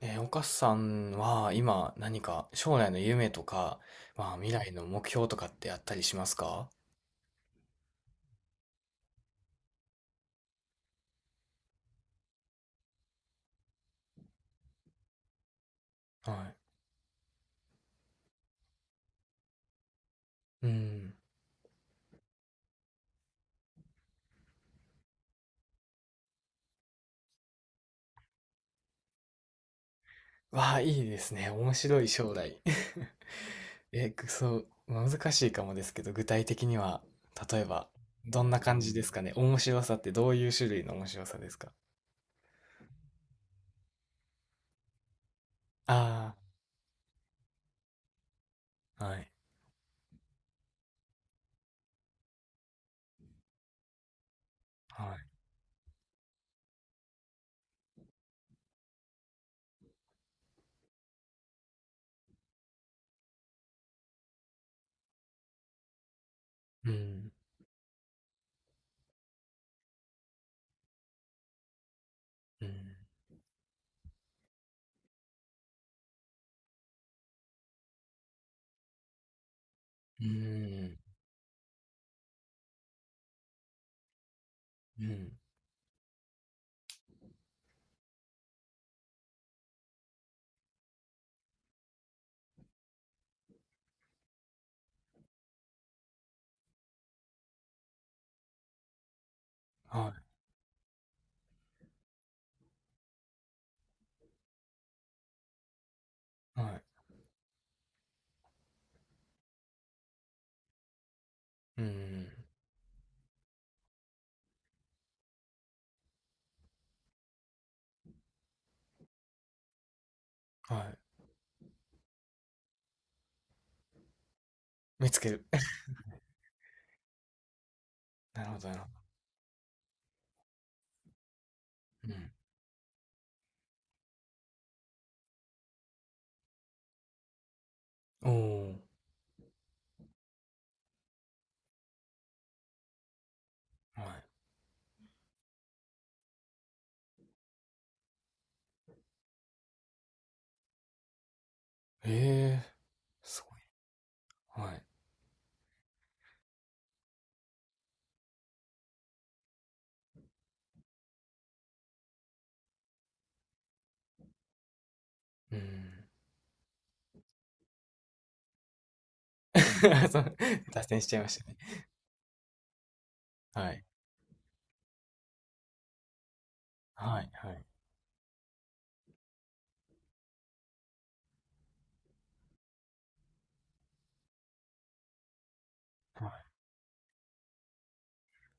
お母さんは今何か将来の夢とか、まあ未来の目標とかってあったりしますか？はい。うん。わあ、いいですね。面白い将来。え、くそう、難しいかもですけど、具体的には、例えば、どんな感じですかね。面白さってどういう種類の面白さですか？ああー、はい、はい。うん、うん、うん、うん、はい、はい、うん、はい。見つける。なるほど、なるほど。うん。おー、はい。ええ、すごい。はい。うん。そう、脱線しちゃいましたね。はい。はいはい。はい。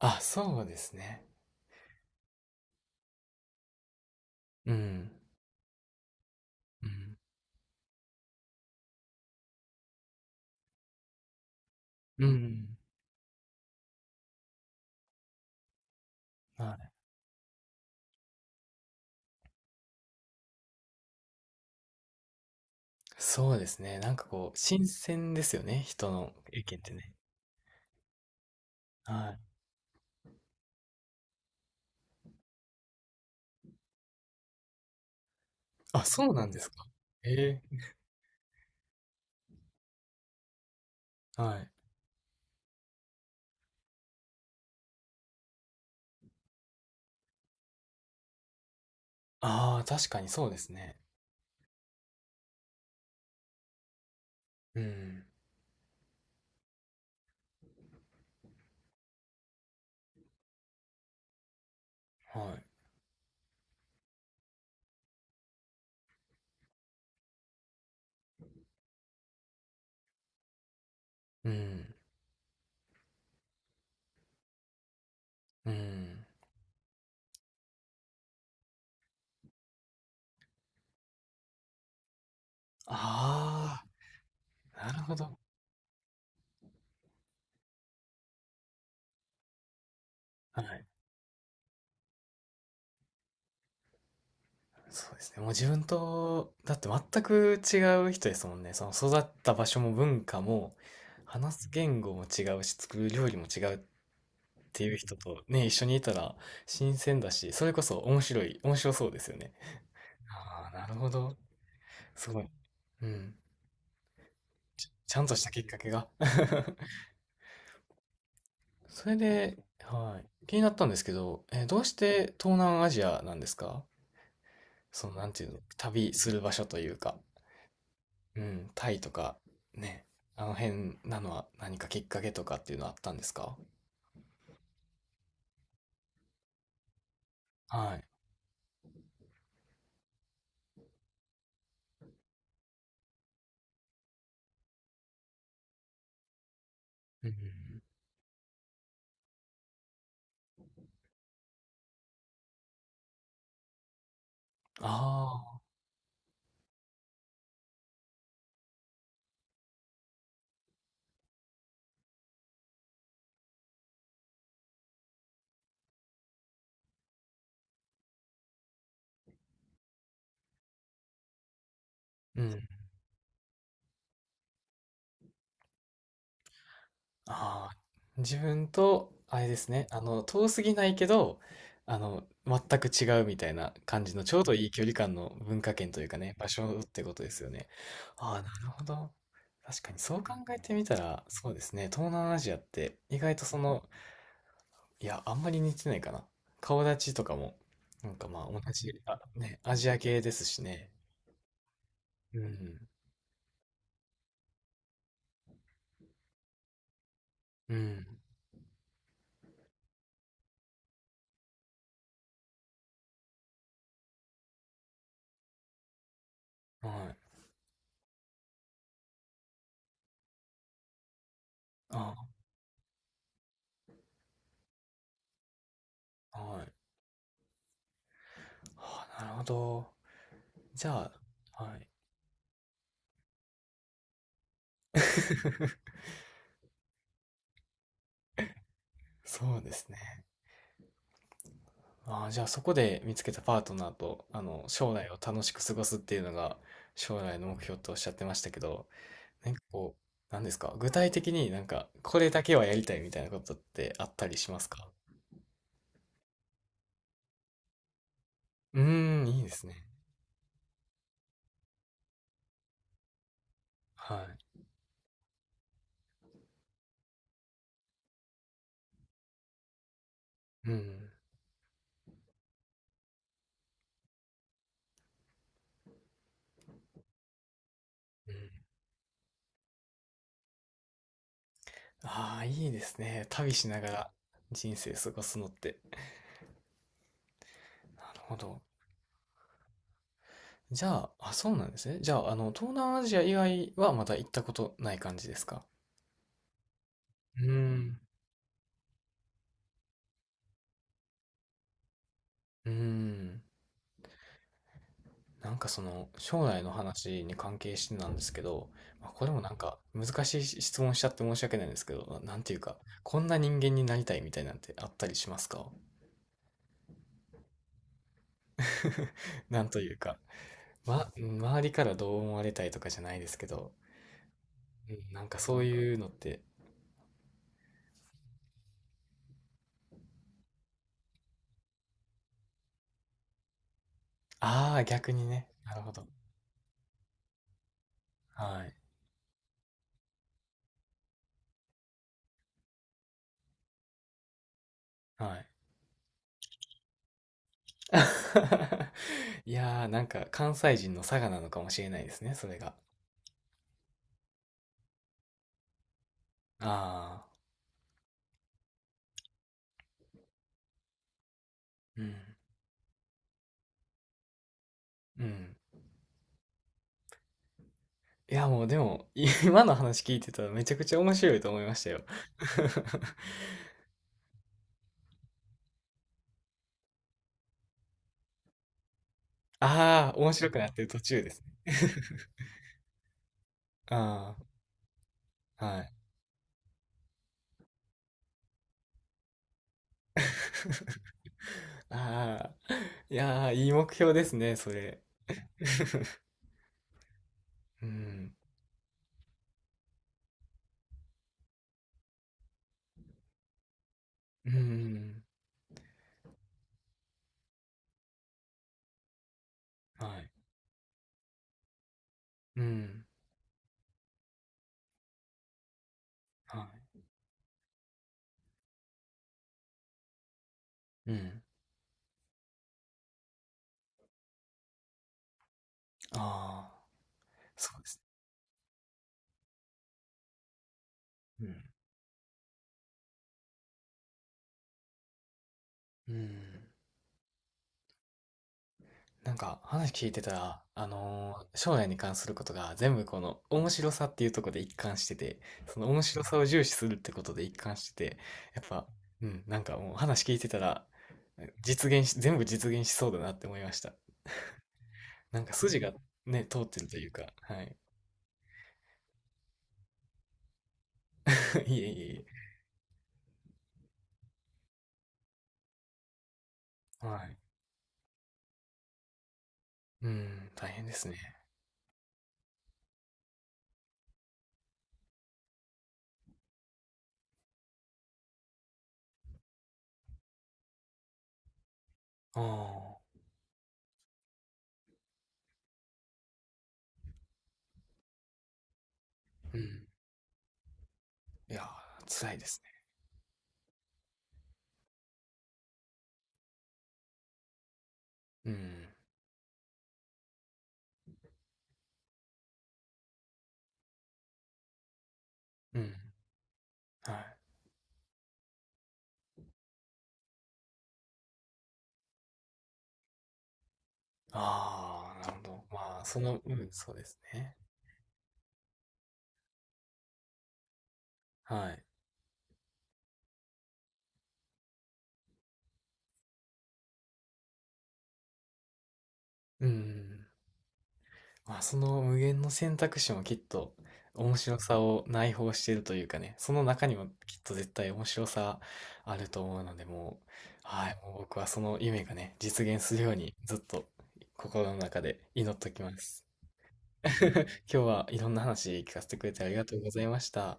あ、そうですね。うん。うん。うん。はい。そうですね。なんかこう、新鮮ですよね、人の意見ってね。はい。あ、そうなんですか。ええ、はい。ああ、確かにそうですね。うん。はい。うん。うん。ああ、なるほど。はい。そうですね。もう自分と、だって全く違う人ですもんね。その育った場所も文化も、話す言語も違うし、作る料理も違うっていう人とね、一緒にいたら新鮮だし、それこそ面白い、面白そうですよね。ああ、なるほど。すごい。うん。ちゃんとしたきっかけが。それで、はい。気になったんですけど、えーどうして東南アジアなんですか？その、なんていうの、旅する場所というか。うん、タイとかね、あの辺なのは何かきっかけとかっていうのはあったんですか？はい。うん。ああ、うん。ああ、自分と、あれですね、あの、遠すぎないけど、あの、全く違うみたいな感じの、ちょうどいい距離感の文化圏というかね、場所ってことですよね。ああ、なるほど。確かにそう考えてみたら、そうですね、東南アジアって意外とその、いや、あんまり似てないかな。顔立ちとかも、なんかまあ同じ、あ、ね、アジア系ですしね。うん。うん。はい。あ、はい。あ、なるほど。じゃあ、はい。そうですね。ああ、じゃあそこで見つけたパートナーと、あの、将来を楽しく過ごすっていうのが将来の目標とおっしゃってましたけど、なんかこう、なんですか具体的になんか、これだけはやりたいみたいなことってあったりしますか？うーん、いいですね。はい。うん。うん。ああ、いいですね。旅しながら人生過ごすのって。なるほど。じゃあ、あ、そうなんですね。じゃあ、あの、東南アジア以外はまだ行ったことない感じですか？うーん。うーん。なんかその、将来の話に関係してなんですけど、まあ、これもなんか難しい質問しちゃって申し訳ないんですけど、ななんていうか、こんな人間になりたいみたいなんてあったりしますか？ なんというか、ま、周りからどう思われたいとかじゃないですけど、うんなんかそういうのってああ、逆にね。なるほど。はい。はい。いやー、なんか関西人の差がなのかもしれないですね、それが。ああ、うん、うん。いや、もうでも、今の話聞いてたらめちゃくちゃ面白いと思いましたよ。ああ、面白くなってる途中ですね。ああ、はい。ああ、いやー、いい目標ですね、それ。うん。うんうんうん。はい。うん。はい。うん。ああ、そうですね。うん。うん。なんか話聞いてたら、あのー将来に関することが全部この面白さっていうところで一貫してて、その面白さを重視するってことで一貫してて、やっぱ、うん、なんかもう話聞いてたら、実現し、全部実現しそうだなって思いました。なんか筋がね、通ってるというか、はい。いえいえいえ。はい。うん、大変ですね。ああ、うん。いやー、辛いですね。うん、うん、はい。ああ、なるほど。まあ、その、うん、そうですね。はい。うん。まあ、その無限の選択肢もきっと面白さを内包しているというかね、その中にもきっと絶対面白さあると思うので、もう、はい、もう僕はその夢がね、実現するようにずっと心の中で祈っておきます。今日はいろんな話聞かせてくれてありがとうございました。